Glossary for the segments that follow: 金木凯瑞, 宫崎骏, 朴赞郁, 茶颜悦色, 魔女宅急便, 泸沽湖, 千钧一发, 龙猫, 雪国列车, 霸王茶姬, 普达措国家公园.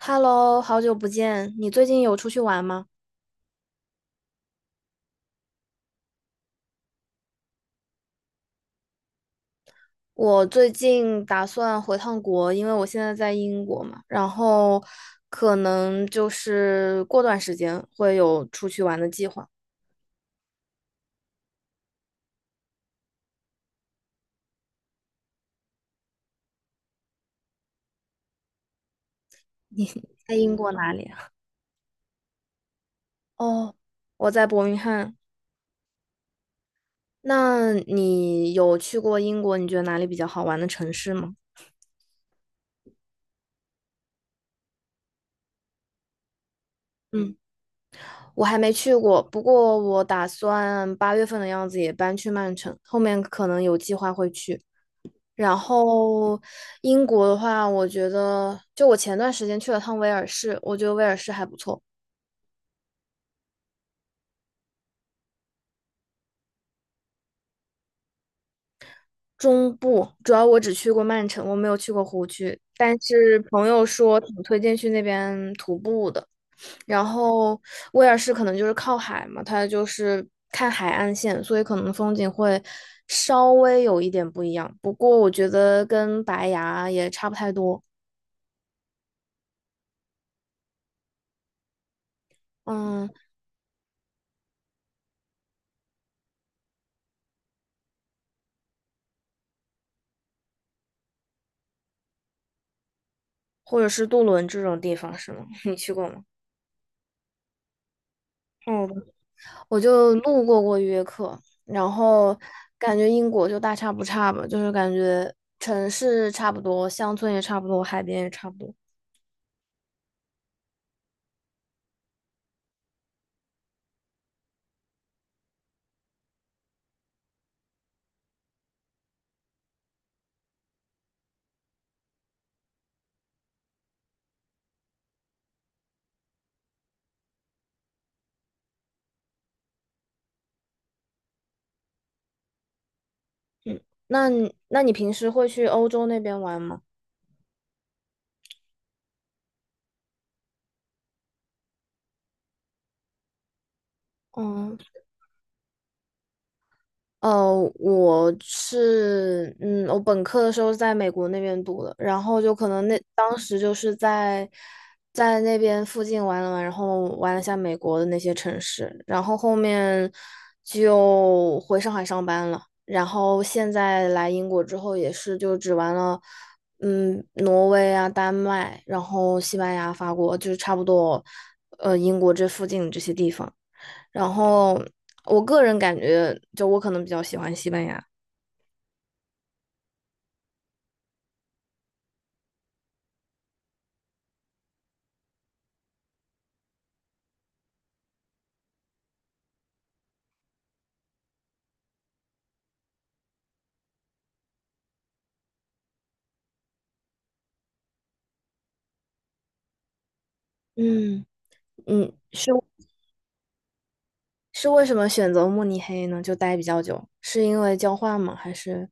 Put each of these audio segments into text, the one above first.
Hello，好久不见，你最近有出去玩吗？我最近打算回趟国，因为我现在在英国嘛，然后可能就是过段时间会有出去玩的计划。在英国哪里啊？哦，我在伯明翰。那你有去过英国？你觉得哪里比较好玩的城市吗？嗯，我还没去过，不过我打算8月份的样子也搬去曼城，后面可能有计划会去。然后英国的话，我觉得就我前段时间去了趟威尔士，我觉得威尔士还不错。中部主要我只去过曼城，我没有去过湖区，但是朋友说挺推荐去那边徒步的。然后威尔士可能就是靠海嘛，它就是看海岸线，所以可能风景会稍微有一点不一样。不过我觉得跟白崖也差不太多，嗯，或者是杜伦这种地方是吗？你去过吗？嗯，我就路过过约克，然后感觉英国就大差不差吧，就是感觉城市差不多，乡村也差不多，海边也差不多。嗯，那你平时会去欧洲那边玩吗？嗯。呃，我是，嗯，我本科的时候是在美国那边读的，然后就可能那当时就是在那边附近玩了玩，然后玩了下美国的那些城市，然后后面就回上海上班了，然后现在来英国之后也是就只玩了，挪威啊、丹麦，然后西班牙、法国，就是差不多，英国这附近这些地方。然后我个人感觉，就我可能比较喜欢西班牙。嗯，嗯，是为什么选择慕尼黑呢？就待比较久，是因为交换吗？还是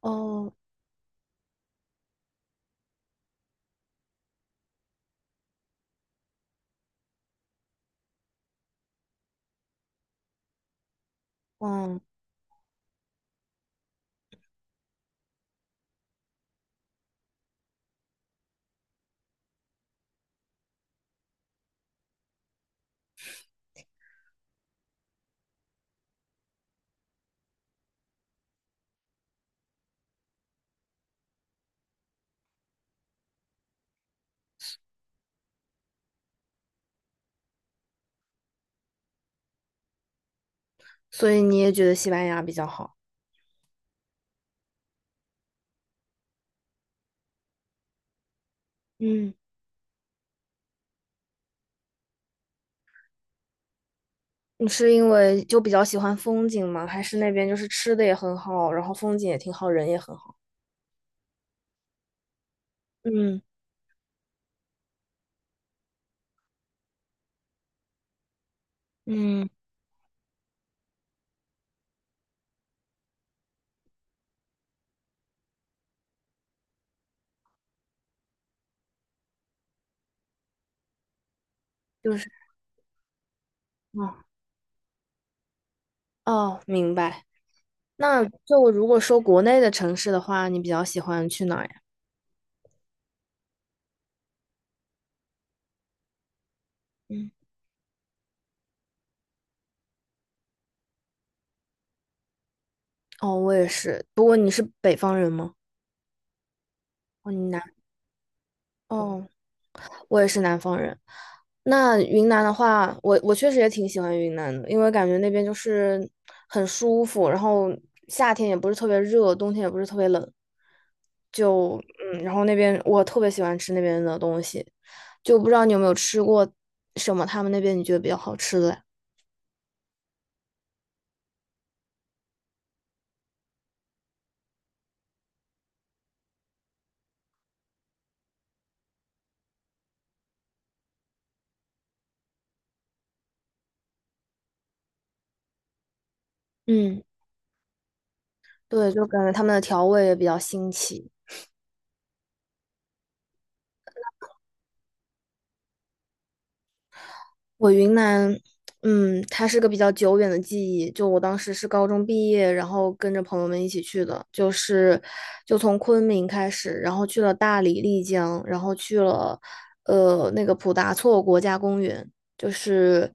哦，嗯，所以你也觉得西班牙比较好？嗯，你是因为就比较喜欢风景吗？还是那边就是吃的也很好，然后风景也挺好，人也很好？嗯，嗯，就是哦哦，明白。那就如果说国内的城市的话，你比较喜欢去哪儿呀？嗯。哦，我也是。不过你是北方人吗？哦，哦，我也是南方人。那云南的话，我确实也挺喜欢云南的，因为感觉那边就是很舒服，然后夏天也不是特别热，冬天也不是特别冷，就然后那边我特别喜欢吃那边的东西，就不知道你有没有吃过什么他们那边你觉得比较好吃的呀嗯，对，就感觉他们的调味也比较新奇。我云南，它是个比较久远的记忆。就我当时是高中毕业，然后跟着朋友们一起去的，就是就从昆明开始，然后去了大理、丽江，然后去了那个普达措国家公园，就是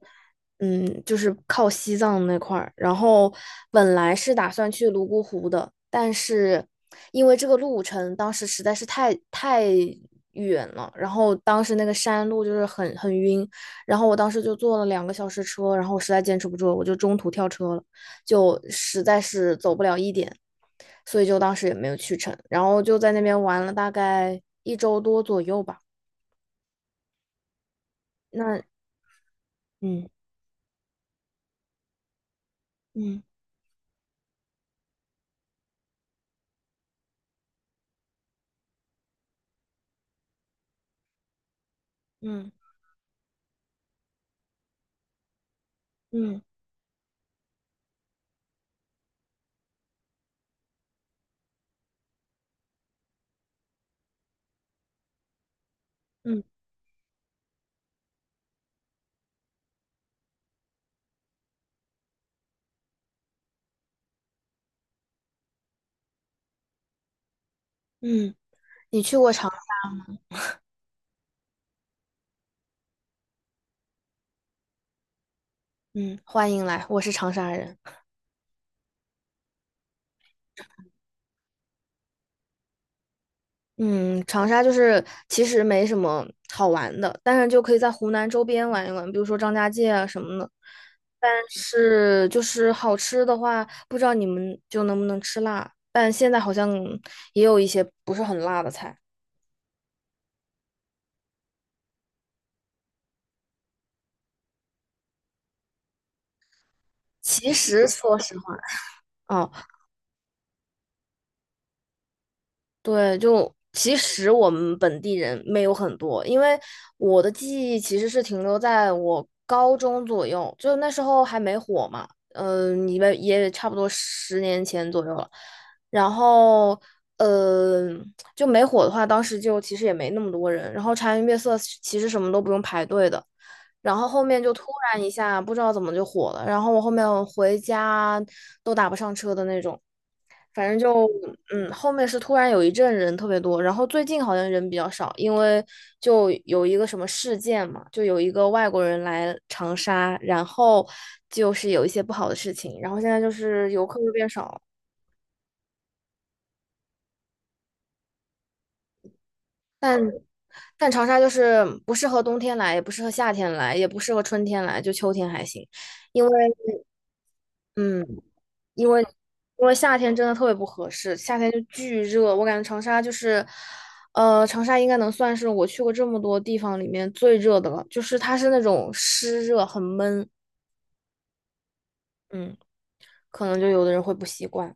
就是靠西藏那块儿。然后本来是打算去泸沽湖的，但是因为这个路程当时实在是太远了，然后当时那个山路就是很晕。然后我当时就坐了2个小时车，然后我实在坚持不住了，我就中途跳车了，就实在是走不了一点，所以就当时也没有去成，然后就在那边玩了大概一周多左右吧。那嗯嗯嗯嗯嗯嗯嗯，欢迎来，我是长沙人。嗯，长沙就是其实没什么好玩的，但是就可以在湖南周边玩一玩，比如说张家界啊什么的。是，就是好吃的话，不知道你们就能不能吃辣，但现在好像也有一些不是很辣的菜。其实说实话，啊、对，就其实我们本地人没有很多，因为我的记忆其实是停留在我高中左右，就那时候还没火嘛，嗯、你们也差不多10年前左右了。然后，呃，就没火的话，当时就其实也没那么多人。然后茶颜悦色其实什么都不用排队的。然后后面就突然一下不知道怎么就火了，然后我后面回家都打不上车的那种。反正就后面是突然有一阵人特别多，然后最近好像人比较少，因为就有一个什么事件嘛，就有一个外国人来长沙，然后就是有一些不好的事情，然后现在就是游客就变少了。但但长沙就是不适合冬天来，也不适合夏天来，也不适合春天来，就秋天还行，因为嗯。因为因为夏天真的特别不合适，夏天就巨热，我感觉长沙就是，长沙应该能算是我去过这么多地方里面最热的了，就是它是那种湿热，很闷，嗯，可能就有的人会不习惯，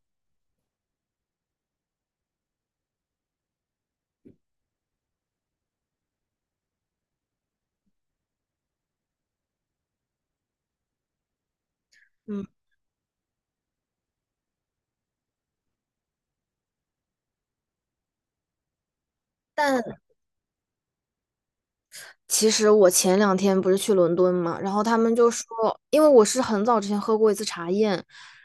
嗯，但其实我前两天不是去伦敦嘛，然后他们就说，因为我是很早之前喝过一次茶宴，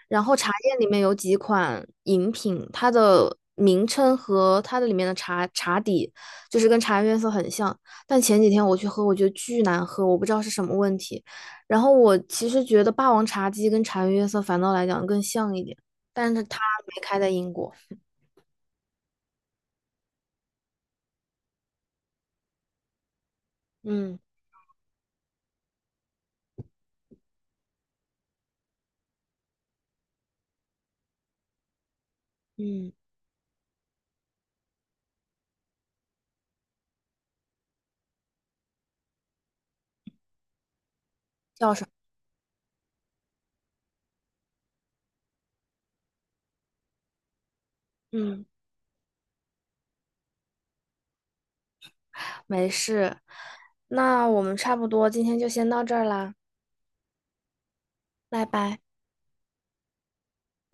然后茶宴里面有几款饮品，它的名称和它的里面的茶底就是跟茶颜悦色很像，但前几天我去喝，我觉得巨难喝，我不知道是什么问题。然后我其实觉得霸王茶姬跟茶颜悦色反倒来讲更像一点，但是它没开在英国。嗯嗯，叫什么？嗯。没事，那我们差不多今天就先到这儿啦，拜拜。